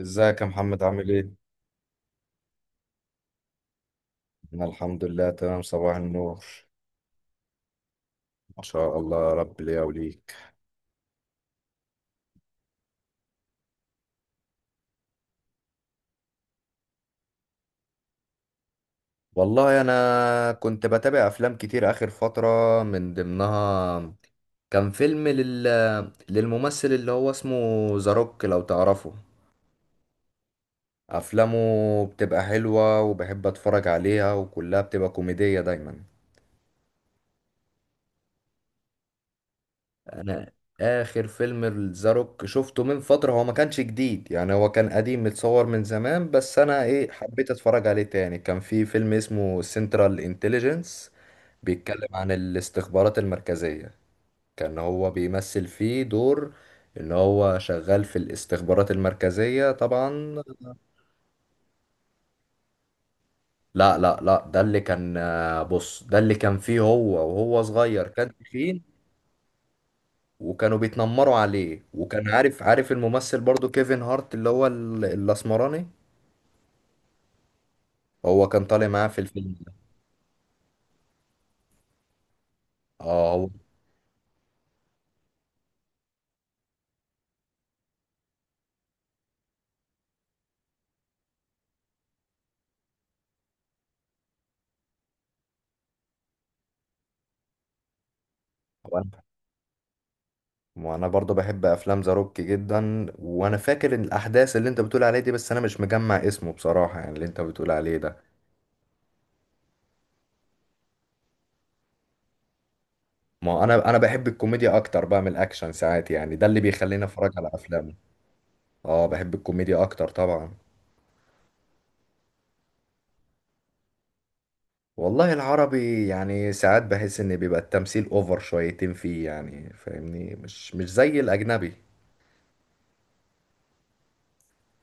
ازيك يا محمد عامل ايه؟ انا الحمد لله تمام، صباح النور. ما شاء الله، يا رب ليا وليك. والله انا كنت بتابع افلام كتير اخر فترة، من ضمنها كان فيلم للممثل اللي هو اسمه ذا روك، لو تعرفه. افلامه بتبقى حلوة وبحب اتفرج عليها، وكلها بتبقى كوميدية دايما. انا اخر فيلم الزاروك شفته من فترة، هو ما كانش جديد يعني، هو كان قديم متصور من زمان، بس انا حبيت اتفرج عليه تاني. كان في فيلم اسمه سنترال انتليجنس، بيتكلم عن الاستخبارات المركزية. كان هو بيمثل فيه دور ان هو شغال في الاستخبارات المركزية طبعا. لا لا لا، ده اللي كان بص، ده اللي كان فيه هو وهو صغير كان تخين، وكانوا بيتنمروا عليه، وكان عارف عارف الممثل برضو كيفن هارت اللي هو الاسمراني. هو كان طالع معاه في الفيلم ده. اه هو. وانا وانا برضو بحب افلام ذا روك جدا، وانا فاكر إن الاحداث اللي انت بتقول عليه دي، بس انا مش مجمع اسمه بصراحة، يعني اللي انت بتقول عليه ده. ما انا بحب الكوميديا اكتر بقى من الاكشن ساعات يعني، ده اللي بيخليني اتفرج على افلامه. اه، بحب الكوميديا اكتر طبعا. والله العربي يعني ساعات بحس ان بيبقى التمثيل اوفر شويتين فيه، يعني فاهمني، مش زي الاجنبي.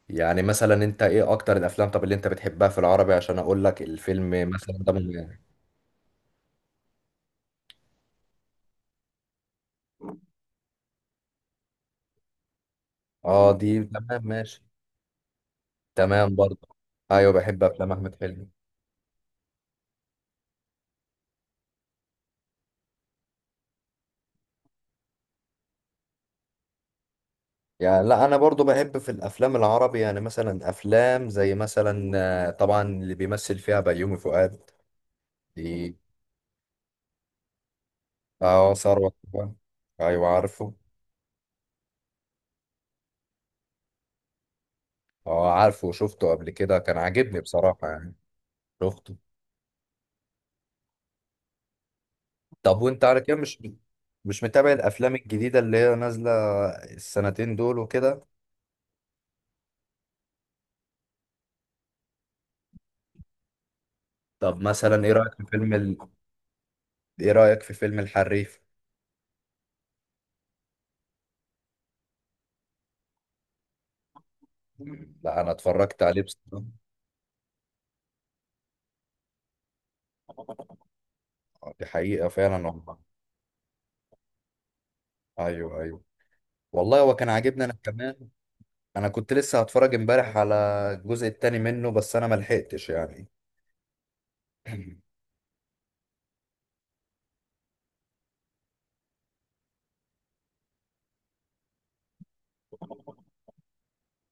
يعني مثلا انت ايه اكتر الافلام، طب اللي انت بتحبها في العربي، عشان اقول لك الفيلم مثلا ده من. اه دي تمام ماشي. تمام برضه. ايوه بحب افلام احمد حلمي. يعني لا، انا برضو بحب في الافلام العربي، يعني مثلا افلام زي مثلا، طبعا اللي بيمثل فيها بيومي فؤاد دي. اه ثروت طبعا. ايوه عارفه. اه عارفه، وشفته قبل كده كان عاجبني بصراحة يعني. شفته. طب وانت على كده مش متابع الافلام الجديدة اللي هي نازلة السنتين دول وكده. طب مثلا ايه رأيك في فيلم ايه رأيك في فيلم الحريف؟ لا انا اتفرجت عليه بصراحة. دي حقيقة فعلا والله. ايوه ايوه. والله هو كان عاجبني انا كمان. انا كنت لسه هتفرج امبارح على الجزء التاني منه، بس انا ملحقتش يعني.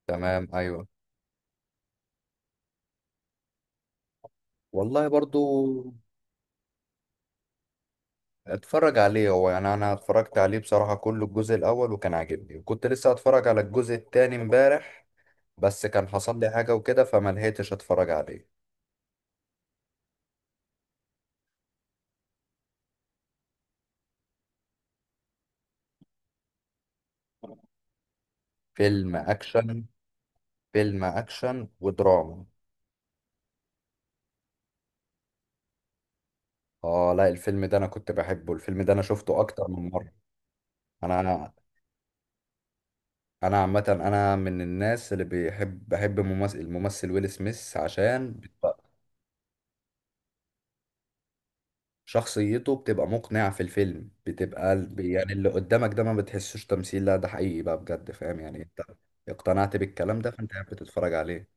تمام ايوه. والله برضو اتفرج عليه، هو يعني انا اتفرجت عليه بصراحة كله الجزء الاول وكان عاجبني، وكنت لسه اتفرج على الجزء التاني امبارح، بس كان حصل لي حاجة وكده فما لحقتش اتفرج عليه. فيلم اكشن. فيلم اكشن ودراما. اه لا، الفيلم ده انا كنت بحبه، الفيلم ده انا شفته اكتر من مرة. انا انا عامة انا من الناس اللي بيحب، بحب ممثل الممثل ويل سميث، عشان شخصيته بتبقى مقنعة في الفيلم، بتبقى يعني اللي قدامك ده ما بتحسوش تمثيل، لا ده حقيقي بقى بجد، فاهم يعني انت، اقتنعت بالكلام ده فانت قاعد بتتفرج عليه.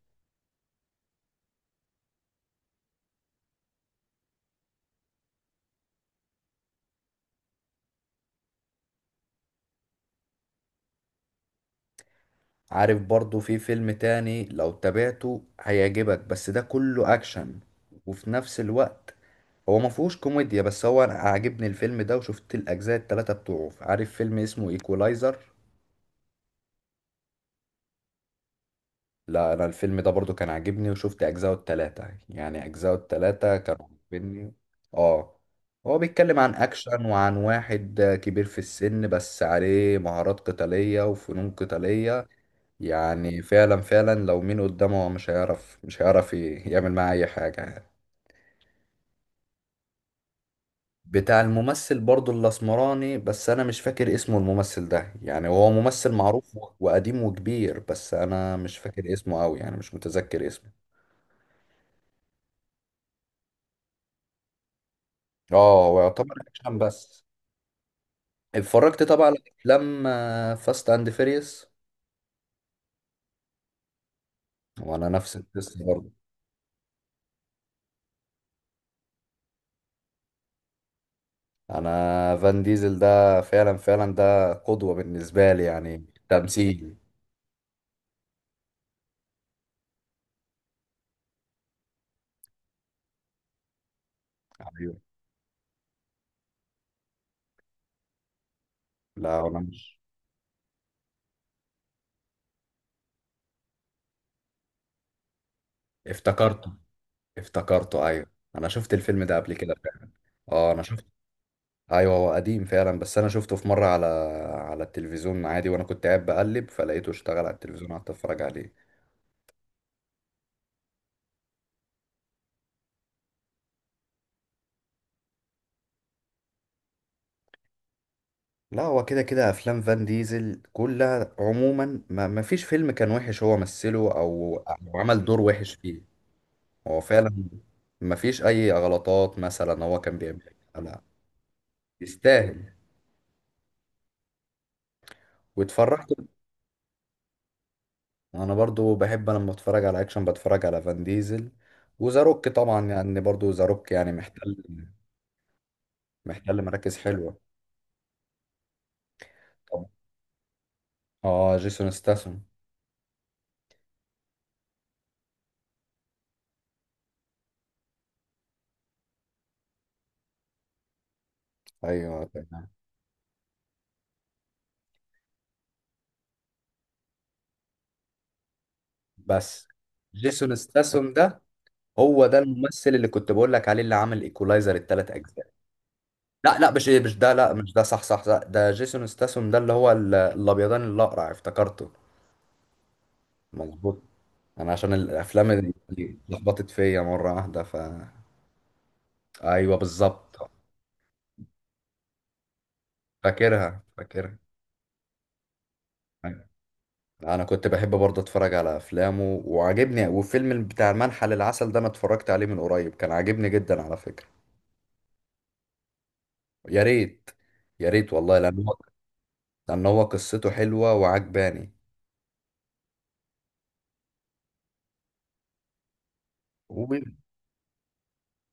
عارف برضو في فيلم تاني لو تابعته هيعجبك، بس ده كله اكشن وفي نفس الوقت. هو ما فيهوش كوميديا، بس هو انا عاجبني الفيلم ده، وشفت الاجزاء التلاتة بتوعه. عارف فيلم اسمه ايكولايزر؟ لا انا الفيلم ده برضو كان عاجبني، وشفت اجزاءه التلاتة، يعني اجزاءه التلاتة كانوا عاجبني. اه هو بيتكلم عن اكشن، وعن واحد كبير في السن بس عليه مهارات قتالية وفنون قتالية. يعني فعلا فعلا لو مين قدامه مش هيعرف، مش هيعرف يعمل معاه اي حاجة يعني. بتاع الممثل برضو الاسمراني، بس انا مش فاكر اسمه الممثل ده، يعني هو ممثل معروف وقديم وكبير، بس انا مش فاكر اسمه قوي يعني، مش متذكر اسمه. اه هو يعتبر عشان بس. اتفرجت طبعا على افلام فاست اند فيريوس. وانا نفس القصه برضه. انا فان ديزل ده فعلا فعلا ده قدوه بالنسبه لي، يعني تمثيل. ايوه. لا انا مش. افتكرته. افتكرته، ايوه انا شفت الفيلم ده قبل كده فعلا. اه انا شفت. ايوه هو قديم فعلا، بس انا شفته في مره على التلفزيون عادي، وانا كنت قاعد بقلب فلقيته اشتغل على التلفزيون قعدت اتفرج عليه. لا هو كده كده افلام فان ديزل كلها عموما، ما فيش فيلم كان وحش هو مثله او عمل دور وحش فيه. هو فعلا. ما فيش اي غلطات مثلا هو كان بيعمل لا. يستاهل. واتفرجت. انا برضو بحب لما اتفرج على اكشن بتفرج على فان ديزل، وزاروك طبعا يعني، برضو زاروك يعني محتل مراكز حلوة. طبعا. اه جيسون ستاثام. ايوه تمام، بس جيسون ستاثام ده هو ده الممثل اللي كنت بقول لك عليه، اللي عمل ايكولايزر الثلاث اجزاء. لا لا، مش ده، لا مش ده، صح صح صح، ده جيسون ستاثام ده اللي هو الابيضان الاقرع افتكرته. مظبوط. انا عشان الافلام اللي لخبطت فيا مره واحده ف. ايوه بالظبط. فاكرها فاكرها. أيوة. انا كنت بحب برضه اتفرج على افلامه وعاجبني، وفيلم بتاع المنحى للعسل ده انا اتفرجت عليه من قريب كان عاجبني جدا على فكره. يا ريت. يا ريت والله، لان هو. لان هو قصته حلوه وعجباني.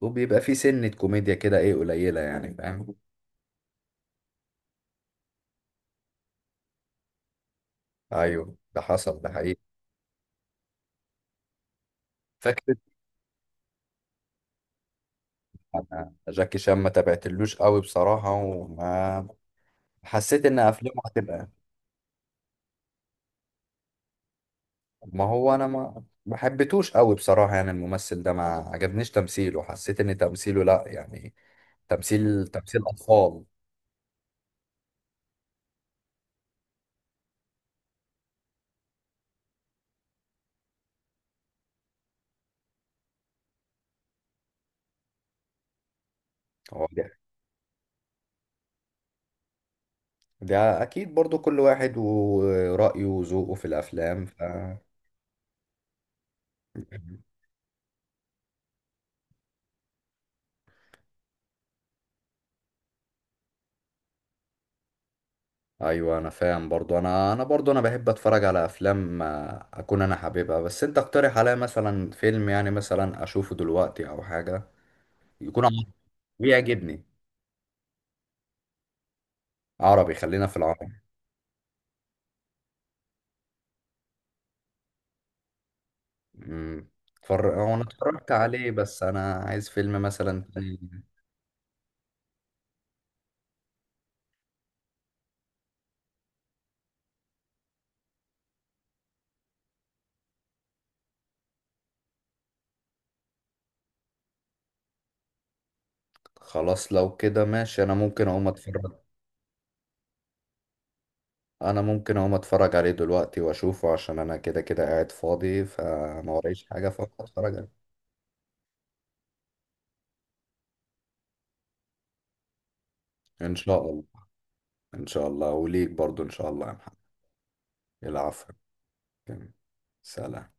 وبيبقى في سنة كوميديا كده قليلة يعني، فاهم. ايوه ده حصل، ده حقيقي. فكرة. انا جاكي شان ما تابعتلوش قوي بصراحة، وما حسيت ان افلامه هتبقى. ما هو انا ما حبيتوش قوي بصراحة، يعني الممثل ده ما عجبنيش تمثيله، حسيت ان تمثيله لا يعني، تمثيل اطفال. هو ده، ده اكيد برضو كل واحد ورأيه وذوقه في الافلام ف. ايوه انا فاهم برضو، انا برضو انا بحب اتفرج على افلام، اكون انا حاببها، بس انت اقترح عليا مثلا فيلم، يعني مثلا اشوفه دلوقتي او حاجه يكون عربي ويعجبني. عربي خلينا في العربي. امم اتفرج، هو انا اتفرجت عليه، بس انا عايز فيلم مثلا تاني. خلاص لو كده ماشي، انا ممكن اقوم اتفرج. انا ممكن اقوم اتفرج عليه دلوقتي واشوفه، عشان انا كده كده قاعد فاضي فما ورايش حاجه فاتفرج عليه. ان شاء الله. ان شاء الله وليك برضو، ان شاء الله يا محمد. العفو. تمام. سلام.